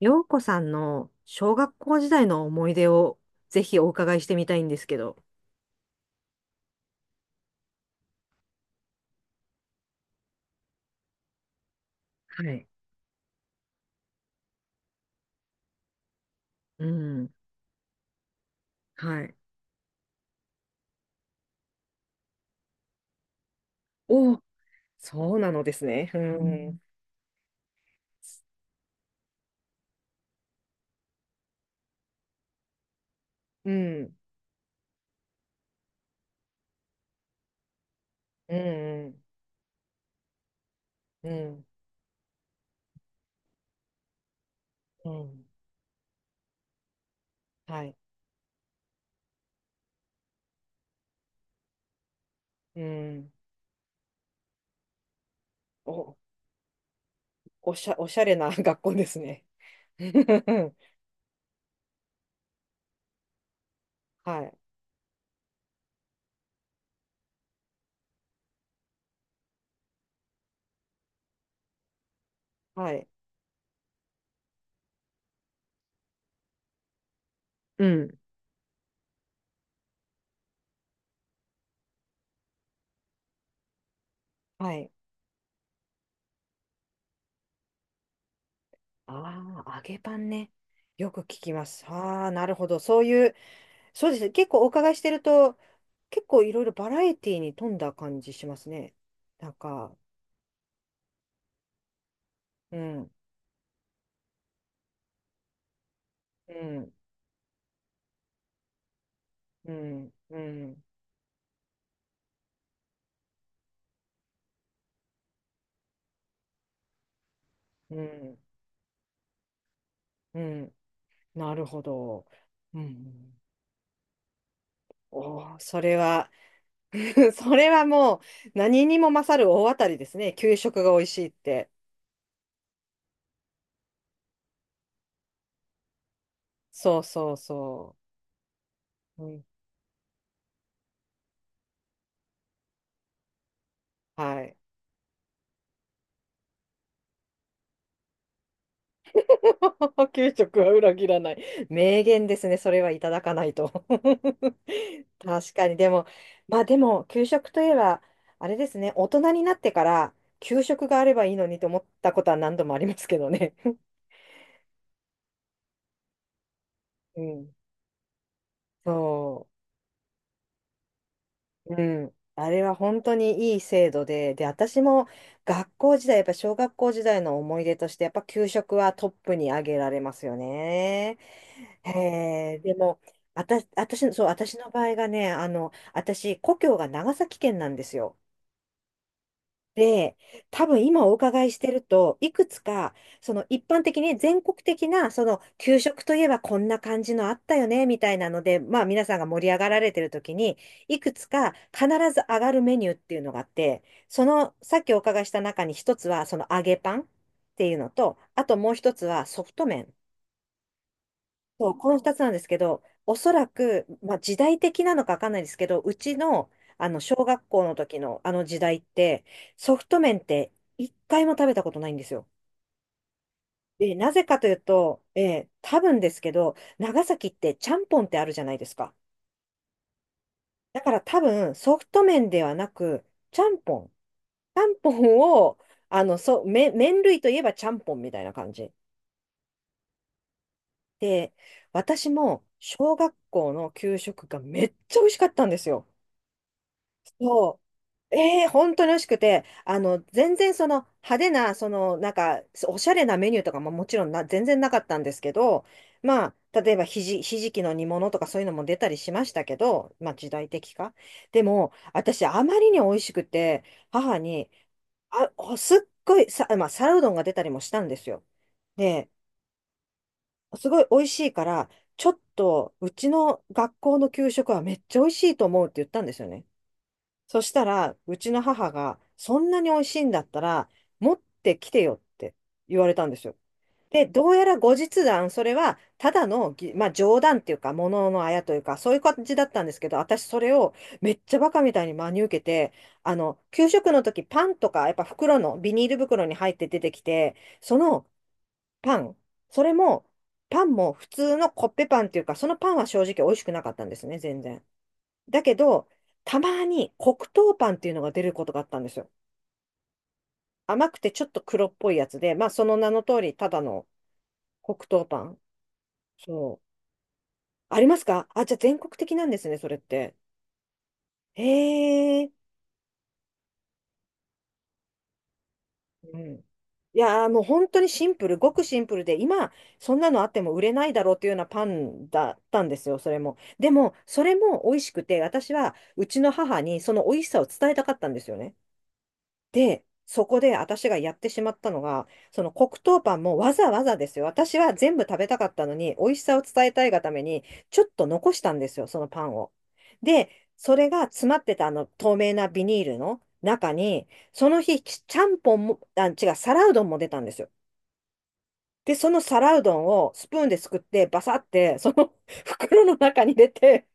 洋子さんの小学校時代の思い出をぜひお伺いしてみたいんですけど。はい。うん。はい。おお、そうなのですね。ううん。ん。うん。うん。うん。うん。はい。うん。お、おしゃれな 学校ですね。はい。はい。うん。はい。ああ、揚げパンね。よく聞きます。ああ、なるほど。そういうそうですね。結構お伺いしてると、結構いろいろバラエティに富んだ感じしますね。なんか、うん、うん、うん、うん、うん、うん。なるほど。うん。おー、それは それはもう何にも勝る大当たりですね。給食が美味しいって。そうそうそう。うん、はい。給食は裏切らない。名言ですね。それはいただかないと。確かに。でも、まあでも、給食といえば、あれですね。大人になってから、給食があればいいのにと思ったことは何度もありますけどね。うん。そう。うん。あれは本当にいい制度で、で、私も学校時代、やっぱ小学校時代の思い出として、やっぱ給食はトップに挙げられますよね。へえ、でも、私の場合がね、私、故郷が長崎県なんですよ。で、多分今お伺いしてると、いくつか、その一般的に全国的な、その給食といえばこんな感じのあったよね、みたいなので、まあ皆さんが盛り上がられてる時に、いくつか必ず上がるメニューっていうのがあって、その、さっきお伺いした中に一つは、その揚げパンっていうのと、あともう一つはソフト麺。そう、この二つなんですけど、おそらく、まあ、時代的なのかわかんないですけど、うちの、あの、小学校の時のあの時代って、ソフト麺って一回も食べたことないんですよ。で、なぜかというと、多分ですけど、長崎ってちゃんぽんってあるじゃないですか。だから多分、ソフト麺ではなく、ちゃんぽん。ちゃんぽんを、あの、そう、麺類といえばちゃんぽんみたいな感じ。で、私も小学校の給食がめっちゃ美味しかったんですよ。そう、ええ本当に美味しくて、あの、全然その派手な、その、なんか、おしゃれなメニューとかももちろんな、全然なかったんですけど、まあ、例えばひじきの煮物とかそういうのも出たりしましたけど、まあ時代的か。でも、私、あまりに美味しくて、母に、あ、おすっごいさ、まあ、皿うどんが出たりもしたんですよ。で、すごい美味しいから、ちょっと、うちの学校の給食はめっちゃ美味しいと思うって言ったんですよね。そしたら、うちの母が、そんなに美味しいんだったら、持ってきてよって言われたんですよ。で、どうやら後日談、それは、ただの、まあ、冗談っていうか、もののあやというか、そういう感じだったんですけど、私、それをめっちゃバカみたいに真に受けて、あの、給食の時、パンとか、やっぱ袋の、ビニール袋に入って出てきて、そのパン、それも、パンも普通のコッペパンっていうか、そのパンは正直美味しくなかったんですね、全然。だけど、たまに黒糖パンっていうのが出ることがあったんですよ。甘くてちょっと黒っぽいやつで、まあその名の通り、ただの黒糖パン。そう。ありますかあ、じゃあ全国的なんですね、それって。へえ。うん。いやーもう本当にシンプル、ごくシンプルで、今、そんなのあっても売れないだろうっていうようなパンだったんですよ、それも。でも、それも美味しくて、私はうちの母にその美味しさを伝えたかったんですよね。で、そこで私がやってしまったのが、その黒糖パンもわざわざですよ。私は全部食べたかったのに、美味しさを伝えたいがために、ちょっと残したんですよ、そのパンを。で、それが詰まってたあの透明なビニールの中に、その日、ちちゃんぽんも、あ、違う、皿うどんも出たんですよ。で、その皿うどんをスプーンですくって、バサって、その 袋の中に入れて、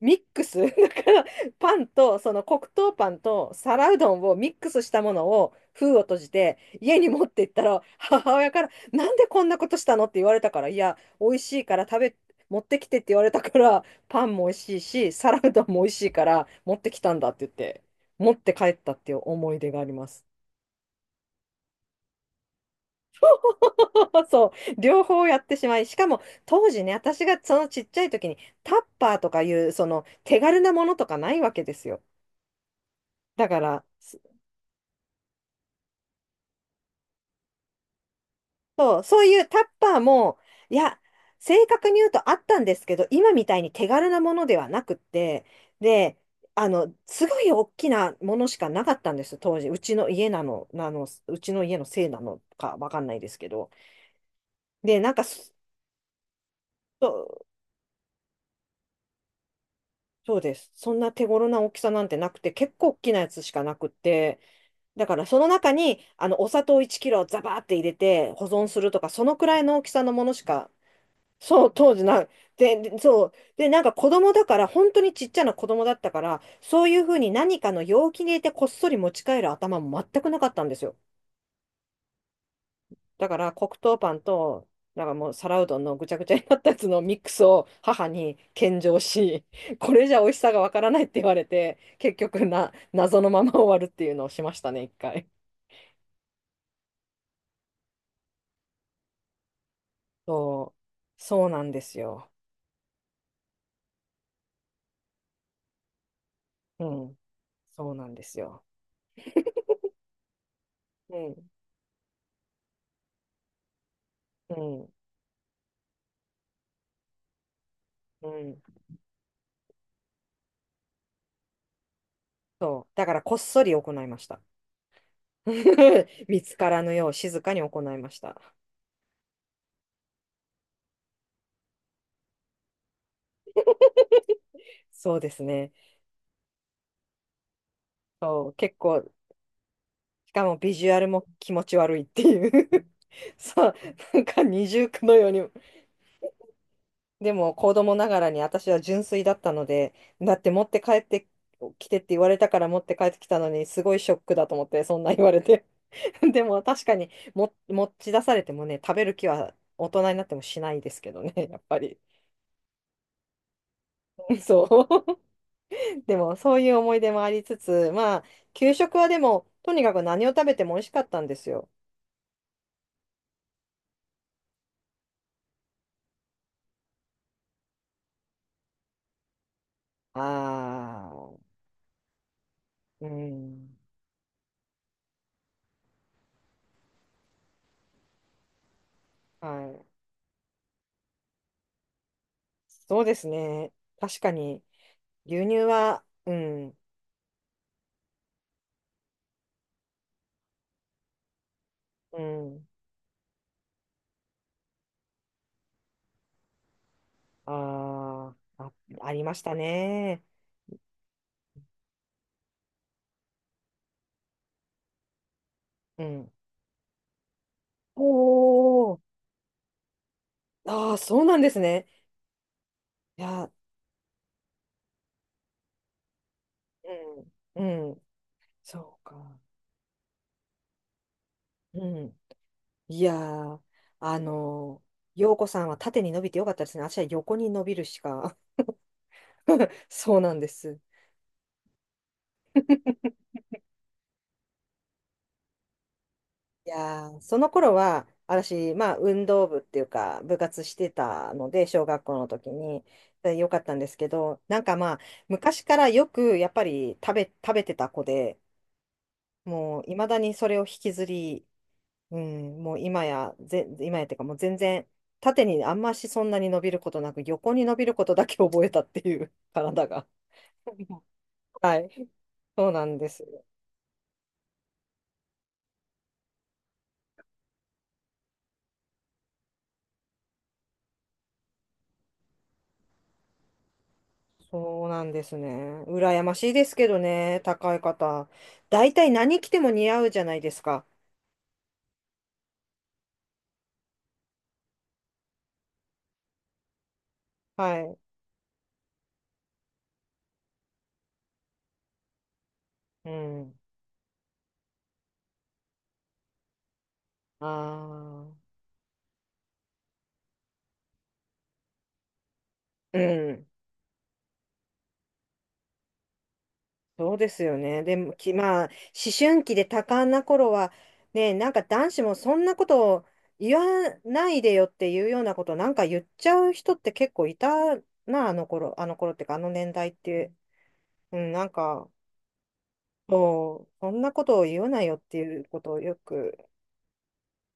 ミックス だからパンとその黒糖パンと皿うどんをミックスしたものを封を閉じて家に持って行ったら母親から「なんでこんなことしたの？」って言われたから「いや美味しいから持ってきて」って言われたからパンも美味しいし皿うどんも美味しいから持ってきたんだって言って持って帰ったっていう思い出があります。そう、両方やってしまい、しかも当時ね、私がそのちっちゃい時にタッパーとかいうその手軽なものとかないわけですよ。だから、そう、そういうタッパーも、いや、正確に言うとあったんですけど、今みたいに手軽なものではなくって、で、あの、すごい大きなものしかなかったんです、当時。うちの家のせいなのかわかんないですけど。で、そう、そうです。そんな手頃な大きさなんてなくて、結構大きなやつしかなくって、だからその中に、あの、お砂糖1キロザバーって入れて保存するとか、そのくらいの大きさのものしか、そう、当時な、で、でそう。で、なんか子供だから、本当にちっちゃな子供だったから、そういうふうに何かの容器に入れてこっそり持ち帰る頭も全くなかったんですよ。だから黒糖パンと、なんかもう皿うどんのぐちゃぐちゃになったやつのミックスを母に献上し、これじゃ美味しさがわからないって言われて、結局な、謎のまま終わるっていうのをしましたね、一回。そう、そうなんですよ。うん、そうなんですよ。うん、うん、うん。そう。だからこっそり行いました。見つからぬよう静かに行いました。そうですね。そう、結構、しかもビジュアルも気持ち悪いっていう そう、なんか二重苦のように。でも子供ながらに私は純粋だったので、だって持って帰ってきてって言われたから持って帰ってきたのに、すごいショックだと思って、そんな言われて。でも確かにも持ち出されてもね、食べる気は大人になってもしないですけどね、やっぱり。そう。でも、そういう思い出もありつつ、まあ、給食はでも、とにかく何を食べても美味しかったんですよ。ああ、うん。はい。そうですね。確かに、牛乳は、うん、うん、あーあ、ありましたね。うん。おお、ああ、そうなんですね。いや、うん、うん、そうか。うん。いやー、あの陽子さんは縦に伸びてよかったですね。私は横に伸びるしか。そうなんです。いやー、その頃は、私、まあ、運動部っていうか、部活してたので、小学校の時に、でよかったんですけど、なんかまあ、昔からよく、やっぱり食べてた子で、もう、いまだにそれを引きずり、うん、もう今や、今やっていうか、もう全然、縦にあんましそんなに伸びることなく、横に伸びることだけ覚えたっていう、体が。はい、そうなんです。そうなんですね。羨ましいですけどね、高い方。大体何着ても似合うじゃないですか。はい。うん。ああ。うん。そうですよね。でも、まあ、思春期で多感な頃は、ね、なんか男子もそんなことを言わないでよっていうようなことなんか言っちゃう人って結構いたな、あの頃っていうか、あの年代って。うん、なんか、そう、そんなことを言わないよっていうことをよく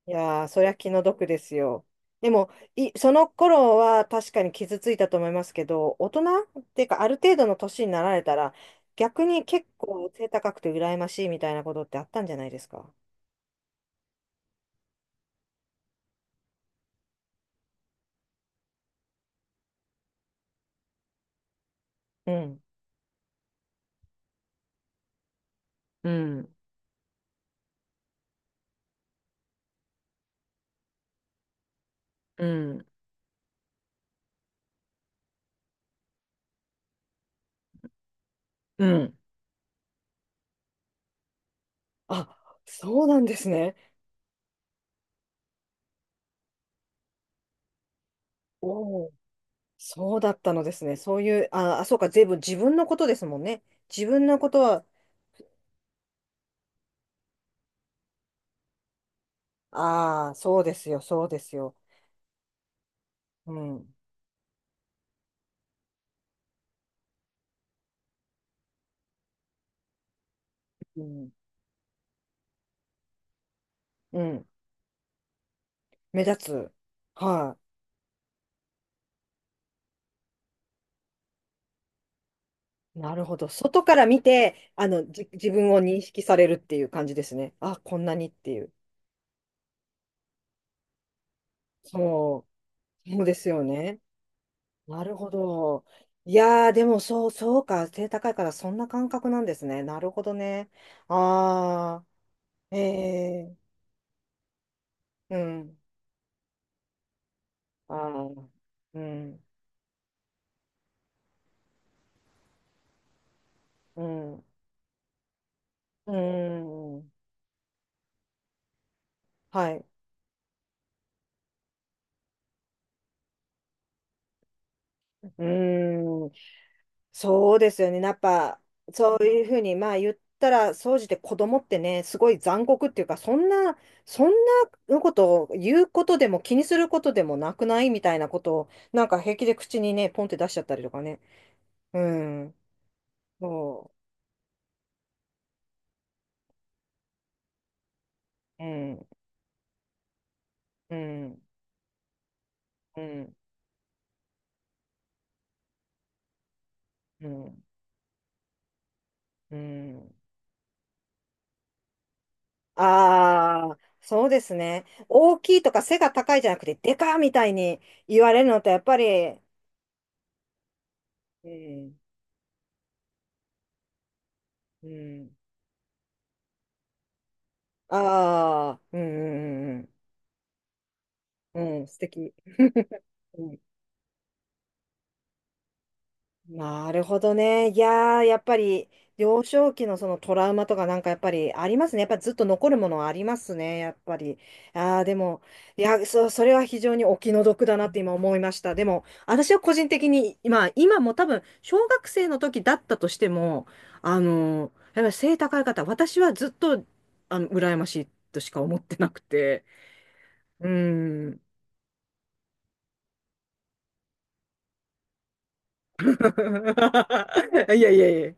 いやー、そりゃ気の毒ですよ。でも、その頃は確かに傷ついたと思いますけど、大人っていうか、ある程度の年になられたら、逆に結構背高くて羨ましいみたいなことってあったんじゃないですか。うん。うん、うん、うん。あ、そうなんですね。おお、そうだったのですね。そういう、あ、あそうか、全部自分のことですもんね。自分のことは、ああ、そうですよ、そうですよ。うん、うん、うん、目立つ。はい。なるほど。外から見て、あの、自分を認識されるっていう感じですね。あ、こんなにっていう。そう、そうですよね。なるほど。いやー、でもそう、そうか。背高いからそんな感覚なんですね。なるほどね。あー、えー、うん。あー、うん、うん、うん。はい。うん。そうですよね。やっぱ、そういうふうに、まあ言ったら、総じて子供ってね、すごい残酷っていうか、そんな、そんなことを言うことでも気にすることでもなくないみたいなことを、なんか平気で口にね、ポンって出しちゃったりとかね。うん。そう。うん。うん。うん。うん。うん。ああ、そうですね。大きいとか背が高いじゃなくて、でかみたいに言われるのって、やっぱり、うん。うん。ああ、うんうんうんうん。うん、素敵。うんなるほどね。いやー、やっぱり幼少期のそのトラウマとかなんかやっぱりありますね。やっぱりずっと残るものはありますね。やっぱり。ああ、でも、いや、それは非常にお気の毒だなって今思いました。でも、私は個人的に、まあ今も多分、小学生の時だったとしても、あのーやっぱり背高い方、私はずっと、あの、羨ましいとしか思ってなくて。うん。いやいやいや。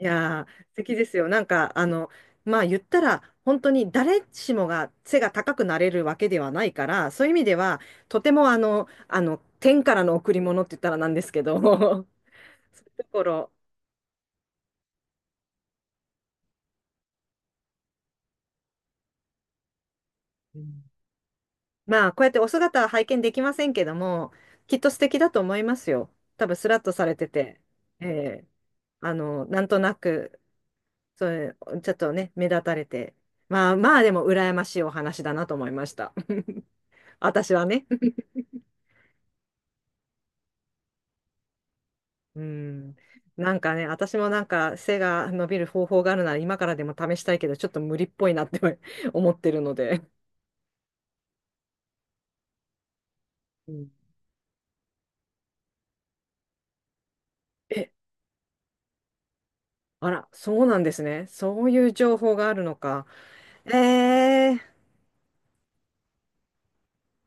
いやー、素敵ですよ。なんか、あの、まあ言ったら、本当に誰しもが背が高くなれるわけではないから、そういう意味では、とてもあの、あの、天からの贈り物って言ったらなんですけど、そういうところ、うんまあ、こうやってお姿は拝見できませんけども、きっと素敵だと思いますよ。多分、スラッとされてて、ええあの、なんとなく、それ、ちょっとね、目立たれて。まあまあ、でも、羨ましいお話だなと思いました。私はね。うん。なんかね、私もなんか背が伸びる方法があるなら今からでも試したいけど、ちょっと無理っぽいなって 思ってるので。うんえ、あら、そうなんですね。そういう情報があるのか。えー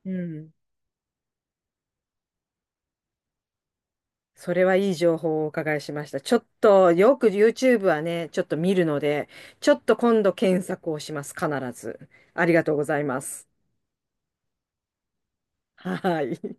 うん。それはいい情報をお伺いしました。ちょっと、よく YouTube はね、ちょっと見るので、ちょっと今度検索をします。必ず。ありがとうございます。はい。